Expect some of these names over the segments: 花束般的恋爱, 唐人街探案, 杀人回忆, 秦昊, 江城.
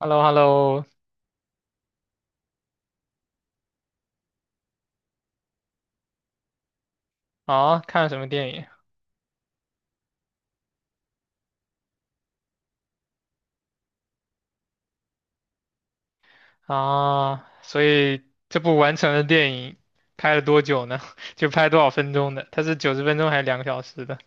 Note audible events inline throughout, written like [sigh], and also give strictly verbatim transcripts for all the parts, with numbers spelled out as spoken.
h e l l o h e l l o 啊，看了什么电影啊？所以这部完成的电影拍了多久呢？[laughs] 就拍多少分钟的？它是九十分钟还是两个小时的？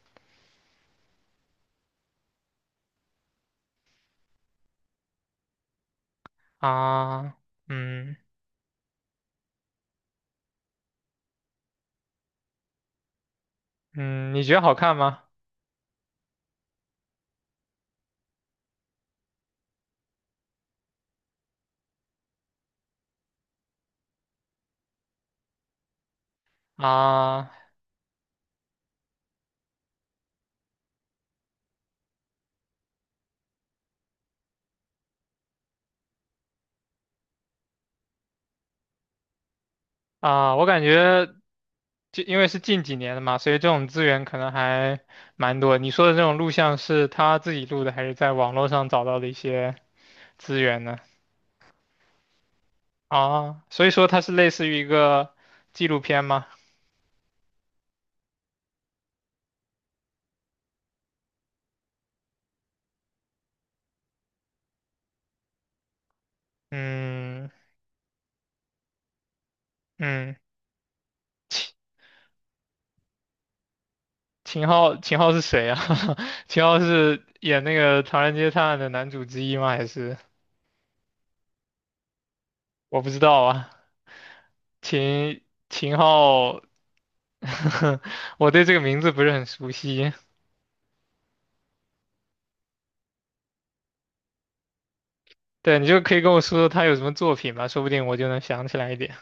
啊，嗯嗯，你觉得好看吗？啊啊，我感觉就因为是近几年的嘛，所以这种资源可能还蛮多。你说的这种录像是他自己录的，还是在网络上找到的一些资源呢？啊，所以说它是类似于一个纪录片吗？嗯。嗯，秦秦昊，秦昊是谁啊？[laughs] 秦昊是演那个《唐人街探案》的男主之一吗？还是我不知道啊？秦秦昊，[laughs] 我对这个名字不是很熟悉。对，你就可以跟我说说他有什么作品吧，说不定我就能想起来一点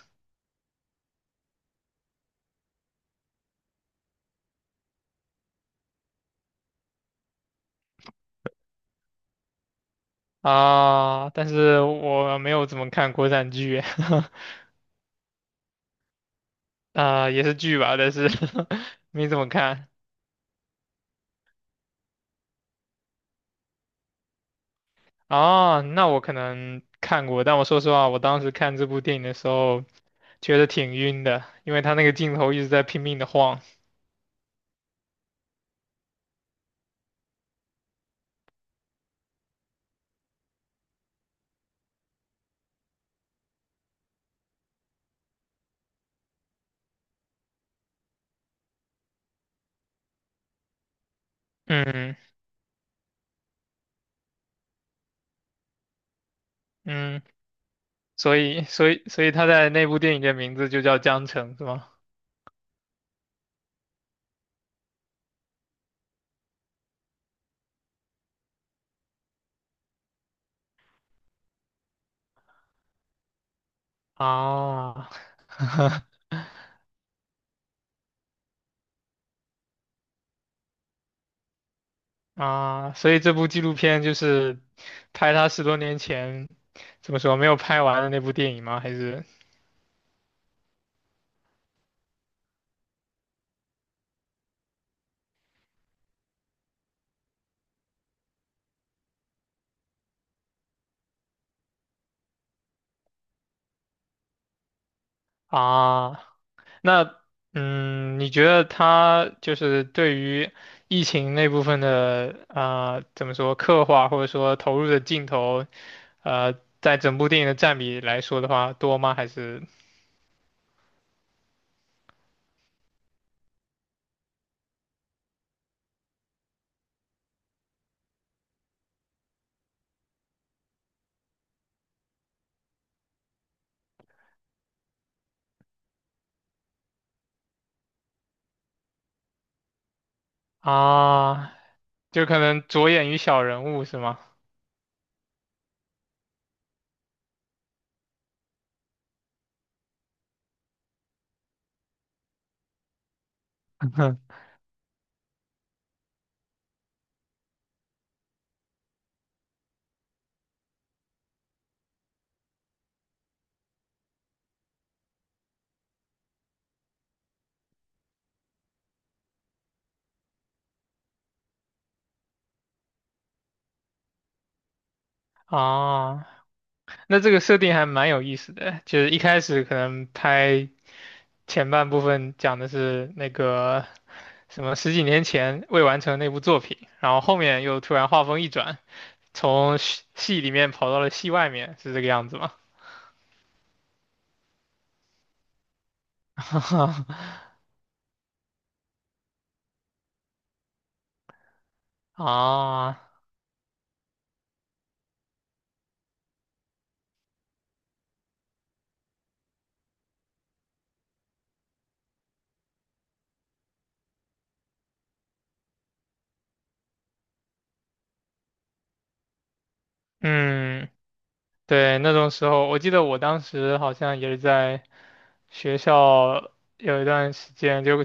啊。但是我没有怎么看国产剧，[laughs] 啊，也是剧吧，但是 [laughs] 没怎么看。啊，那我可能看过，但我说实话，我当时看这部电影的时候。觉得挺晕的，因为他那个镜头一直在拼命的晃。嗯嗯，所以所以所以他在那部电影的名字就叫江城，是吗？啊 [laughs] 啊，所以这部纪录片就是拍他十多年前怎么说没有拍完的那部电影吗？还是啊那嗯，你觉得他就是对于疫情那部分的啊、呃怎么说刻画或者说投入的镜头，呃，在整部电影的占比来说的话，多吗？还是啊，就可能着眼于小人物是吗？[laughs] 啊，那这个设定还蛮有意思的，就是一开始可能拍。前半部分讲的是那个什么十几年前未完成那部作品，然后后面又突然画风一转，从戏戏里面跑到了戏外面，是这个样子吗？[laughs] 啊，嗯，对，那种时候，我记得我当时好像也是在学校有一段时间，就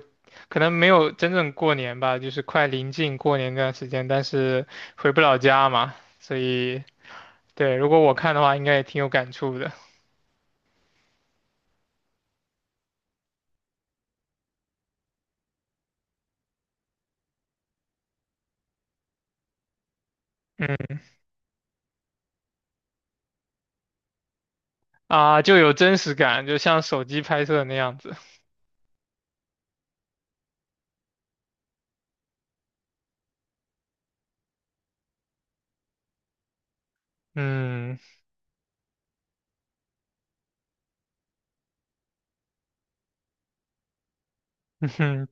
可能没有真正过年吧，就是快临近过年那段时间，但是回不了家嘛，所以对，如果我看的话，应该也挺有感触的。嗯。啊，就有真实感，就像手机拍摄那样子。嗯，[laughs] 哼，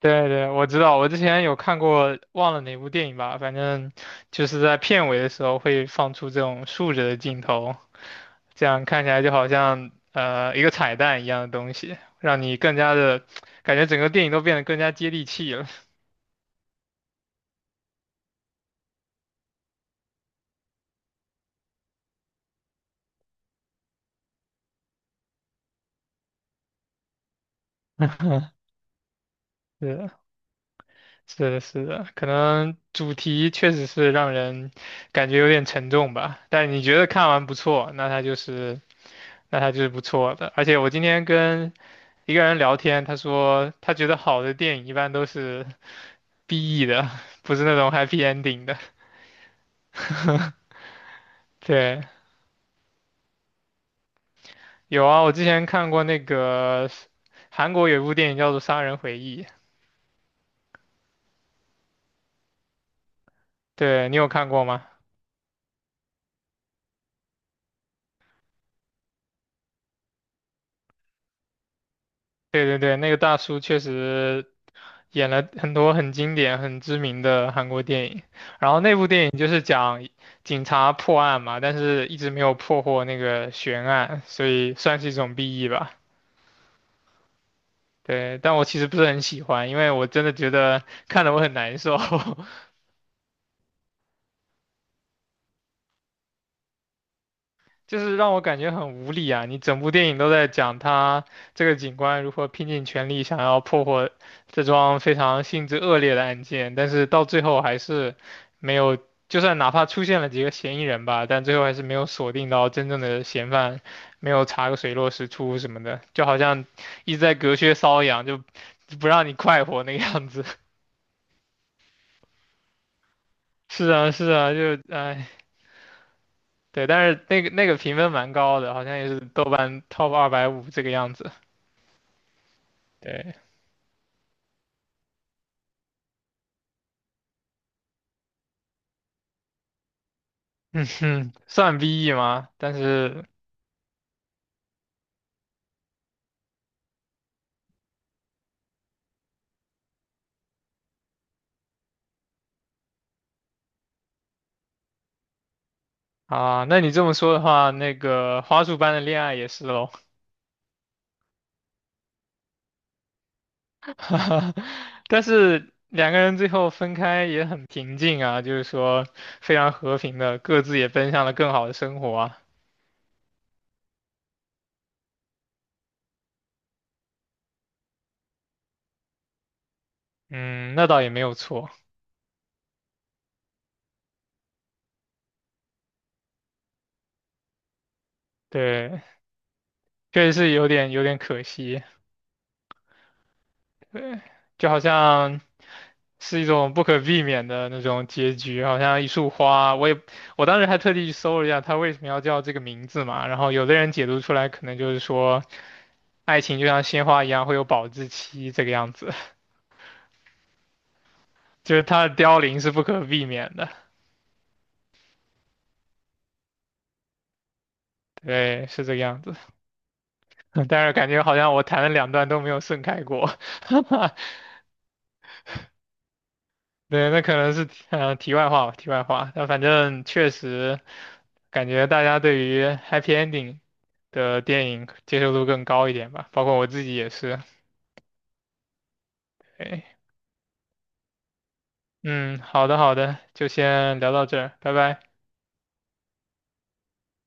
对对，我知道，我之前有看过，忘了哪部电影吧，反正就是在片尾的时候会放出这种竖着的镜头，这样看起来就好像呃一个彩蛋一样的东西，让你更加的感觉整个电影都变得更加接地气了。[laughs] 是是的，是的，可能主题确实是让人感觉有点沉重吧，但你觉得看完不错，那它就是那他就是不错的。而且我今天跟一个人聊天，他说他觉得好的电影一般都是 B E 的，[laughs] 不是那种 happy ending 的。[laughs] 对，有啊，我之前看过那个韩国有一部电影叫做《杀人回忆》，对你有看过吗？对对对，那个大叔确实演了很多很经典、很知名的韩国电影。然后那部电影就是讲警察破案嘛，但是一直没有破获那个悬案，所以算是一种 B E 吧。对，但我其实不是很喜欢，因为我真的觉得看得我很难受，[laughs] 就是让我感觉很无力啊。你整部电影都在讲他这个警官如何拼尽全力想要破获这桩非常性质恶劣的案件，但是到最后还是没有，就算哪怕出现了几个嫌疑人吧，但最后还是没有锁定到真正的嫌犯，没有查个水落石出什么的，就好像一直在隔靴搔痒，就不让你快活那个样子。[laughs] 是啊，是啊，就哎，对，但是那个那个评分蛮高的，好像也是豆瓣 top 二百五这个样子。对，嗯哼，算 B E 吗？但是啊，那你这么说的话，那个花束般的恋爱也是喽。[laughs] 但是两个人最后分开也很平静啊，就是说非常和平的，各自也奔向了更好的生活啊。嗯，那倒也没有错。对，确实是有点有点可惜。对，就好像是一种不可避免的那种结局，好像一束花，我也我当时还特地去搜了一下，它为什么要叫这个名字嘛，然后有的人解读出来可能就是说，爱情就像鲜花一样会有保质期这个样子，就是它的凋零是不可避免的，对，是这个样子，[laughs] 但是感觉好像我谈了两段都没有盛开过，[laughs] 对，那可能是呃题外话吧，题外话。但反正确实感觉大家对于 happy ending 的电影接受度更高一点吧，包括我自己也是。对，嗯，好的好的，就先聊到这儿，拜拜。